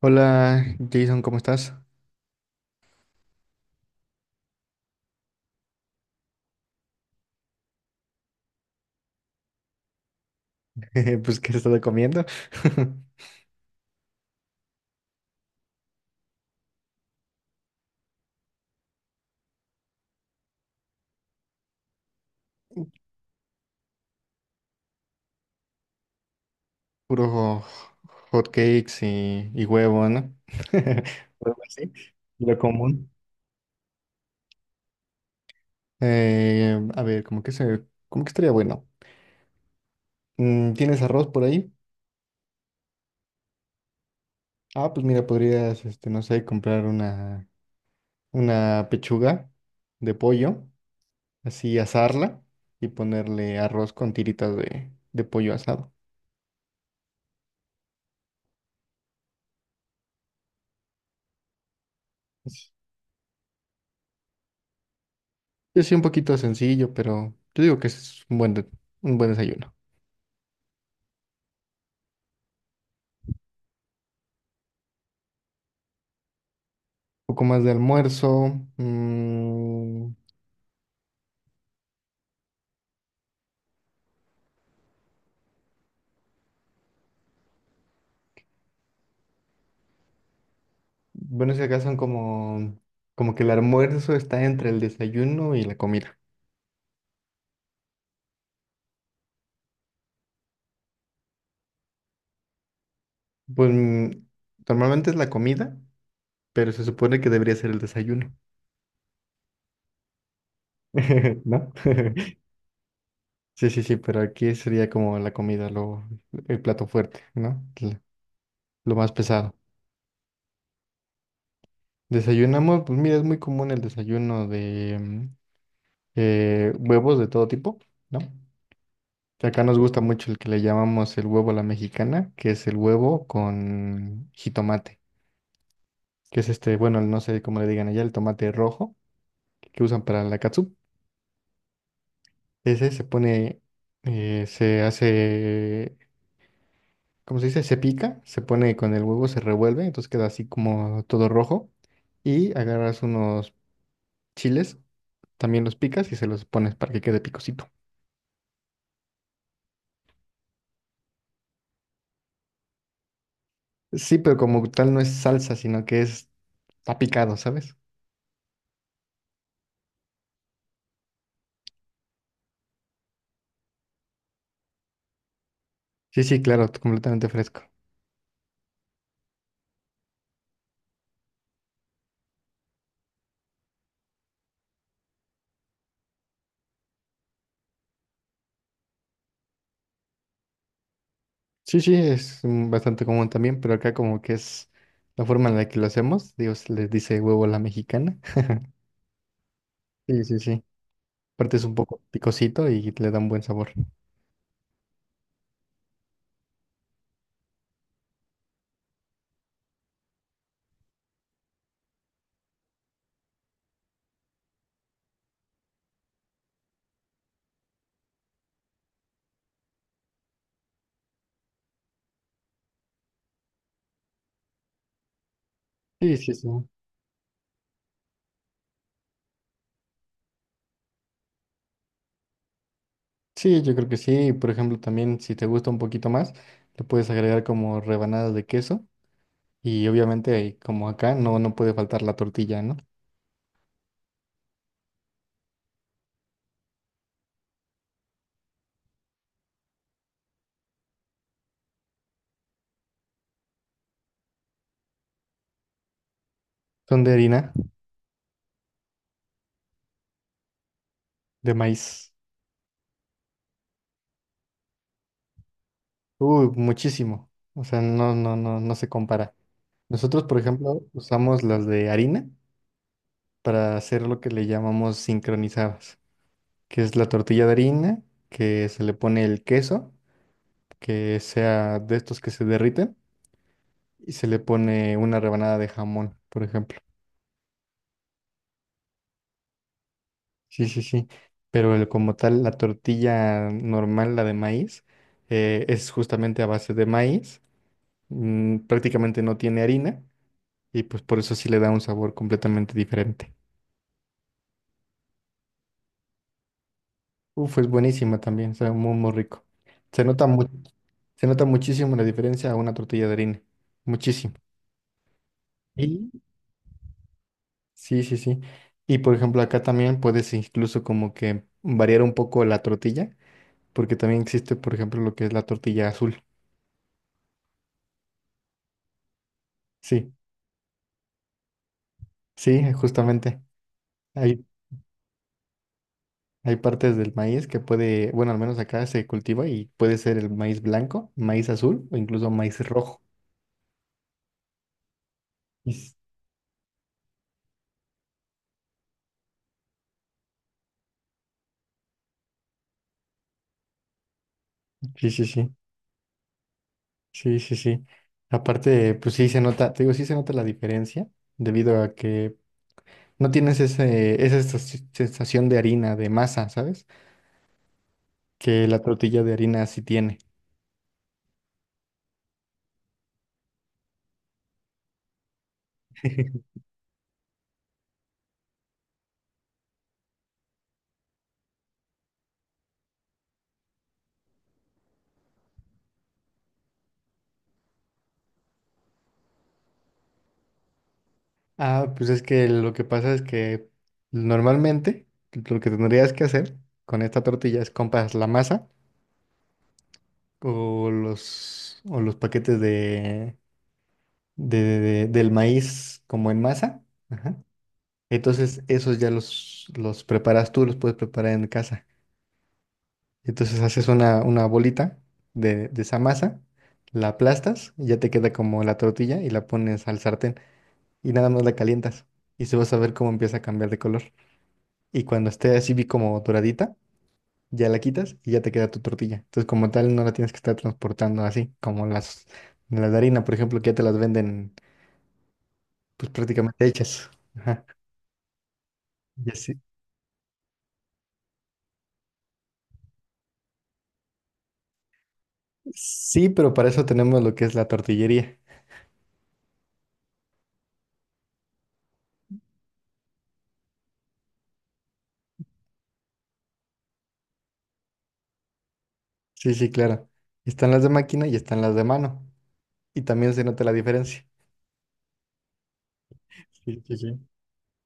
Hola Jason, ¿cómo estás? Pues, ¿qué has estado comiendo? Puro hot cakes y huevo, ¿no? Algo así, lo común. Eh, a ver, ¿cómo que se, ¿cómo que estaría bueno? ¿Tienes arroz por ahí? Ah, pues mira, podrías, este, no sé, una pechuga de pollo, así asarla y ponerle arroz con tiritas de pollo asado. Yo sí, un poquito sencillo, pero yo digo que es un buen desayuno. Un poco más de almuerzo. Bueno, si acá son como, como que el almuerzo está entre el desayuno y la comida. Pues normalmente es la comida, pero se supone que debería ser el desayuno, ¿no? Sí, sí, sí, pero aquí sería como la comida, el plato fuerte, ¿no? Lo más pesado. Desayunamos, pues mira, es muy común el desayuno, huevos de todo tipo, ¿no? Que acá nos gusta mucho el que le llamamos el huevo a la mexicana, que es el huevo con jitomate, que es este, bueno, no sé cómo le digan allá, el tomate rojo que usan para la catsup. Ese se pone, se hace, ¿cómo se dice? Se pica, se pone con el huevo, se revuelve, entonces queda así como todo rojo. Y agarras unos chiles, también los picas y se los pones para que quede picosito. Sí, pero como tal no es salsa, sino que es está picado, ¿sabes? Sí, sí, claro, completamente fresco. Sí, sí, es bastante común también, pero acá como que es la forma en la que lo hacemos. Dios les dice huevo a la mexicana. Sí, sí, sí. Aparte es un poco picosito y le da un buen sabor. Sí, sí, sí. Sí, yo creo que sí. Por ejemplo, también si te gusta un poquito más, le puedes agregar como rebanadas de queso. Y obviamente, como acá, no puede faltar la tortilla, ¿no? Son de harina, de maíz. Uy, muchísimo. O sea, no, no, no, no se compara. Nosotros, por ejemplo, usamos las de harina para hacer lo que le llamamos sincronizadas, que es la tortilla de harina, que se le pone el queso, que sea de estos que se derriten, y se le pone una rebanada de jamón, por ejemplo. Sí, sí, sí. Como tal, la tortilla normal, la de maíz, es justamente a base de maíz, prácticamente no tiene harina, y pues por eso sí le da un sabor completamente diferente. Uf, es buenísima también, sabe muy, muy rico. Se nota mu- Se nota muchísimo la diferencia a una tortilla de harina. Muchísimo. Y sí, sí, sí. Y por ejemplo, acá también puedes incluso como que variar un poco la tortilla, porque también existe, por ejemplo, lo que es la tortilla azul. Sí, sí, justamente. Hay, hay partes del maíz que puede, bueno, al menos acá se cultiva y puede ser el maíz blanco, maíz azul o incluso maíz rojo. Y s- Sí, sí, sí. Sí, sí, sí. Aparte, pues sí se nota, te digo, sí se nota la diferencia debido a que no tienes esa sensación de harina, de masa, ¿sabes? Que la tortilla de harina sí tiene. Ah, pues es que lo que pasa es que normalmente lo que tendrías que hacer con esta tortilla es compras la masa o los paquetes del maíz como en masa. Ajá. Entonces esos ya los preparas tú, los puedes preparar en casa. Entonces haces una bolita de esa masa, la aplastas y ya te queda como la tortilla y la pones al sartén y nada más la calientas y se vas a ver cómo empieza a cambiar de color. Y cuando esté así vi como doradita, ya la quitas y ya te queda tu tortilla. Entonces como tal no la tienes que estar transportando así como las de harina, por ejemplo, que ya te las venden pues prácticamente hechas. Ajá. Y así- Sí, pero para eso tenemos lo que es la tortillería. Sí, sí, claro. Están las de máquina y están las de mano. Y también se nota la diferencia. Sí, sí, sí.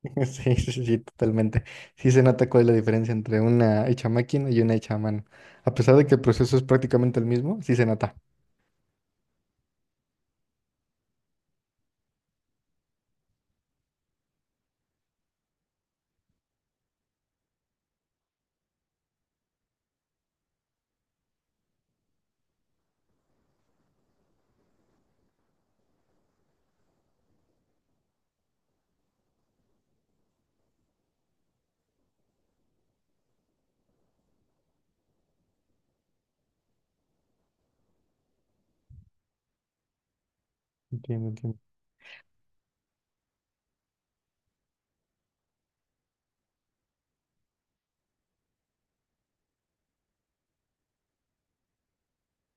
Sí, sí, sí, totalmente. Sí se nota cuál es la diferencia entre una hecha a máquina y una hecha a mano. A pesar de que el proceso es prácticamente el mismo, sí se nota. Entiendo, entiendo.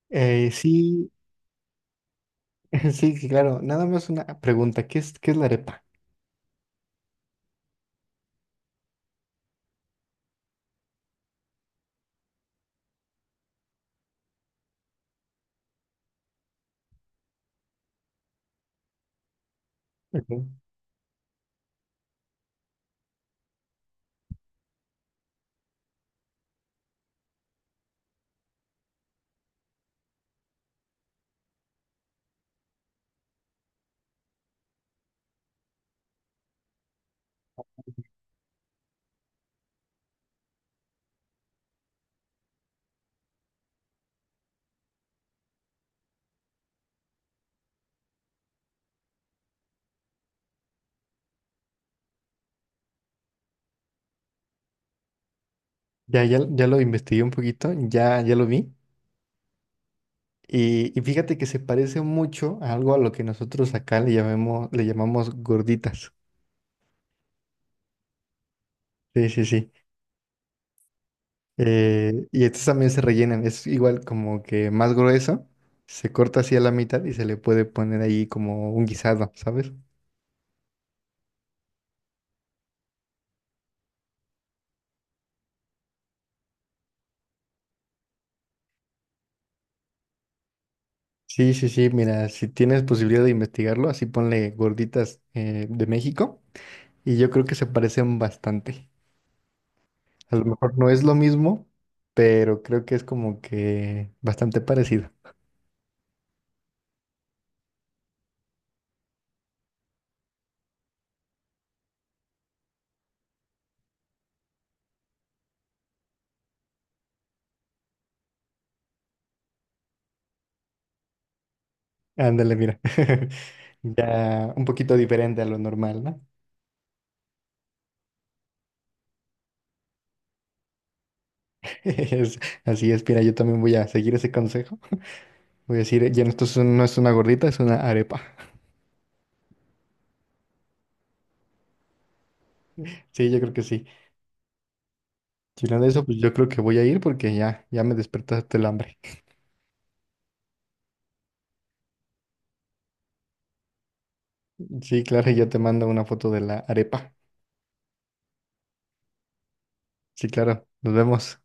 Sí, sí, sí, claro. Nada más una pregunta. ¿Qué es la arepa? Ok. Ya, ya, ya lo investigué un poquito, ya, ya lo vi. Y fíjate que se parece mucho a algo a lo que nosotros acá le llamemos, le llamamos gorditas. Sí, sí, sí. Y estos también se rellenan, es igual como que más grueso, se corta así a la mitad y se le puede poner ahí como un guisado, ¿sabes? Sí, sí, sí, mira, si tienes posibilidad de investigarlo, así ponle gorditas de México y yo creo que se parecen bastante. A lo mejor no es lo mismo, pero creo que es como que bastante parecido. Ándale, mira, ya un poquito diferente a lo normal, ¿no? Es- Así es, mira, yo también voy a seguir ese consejo. Voy a decir, ya no, no es una gordita, es una arepa. Sí, yo creo que sí. Si hablando de eso, pues yo creo que voy a ir porque ya, ya me despertaste el hambre. Sí, claro, ya te mando una foto de la arepa. Sí, claro, nos vemos.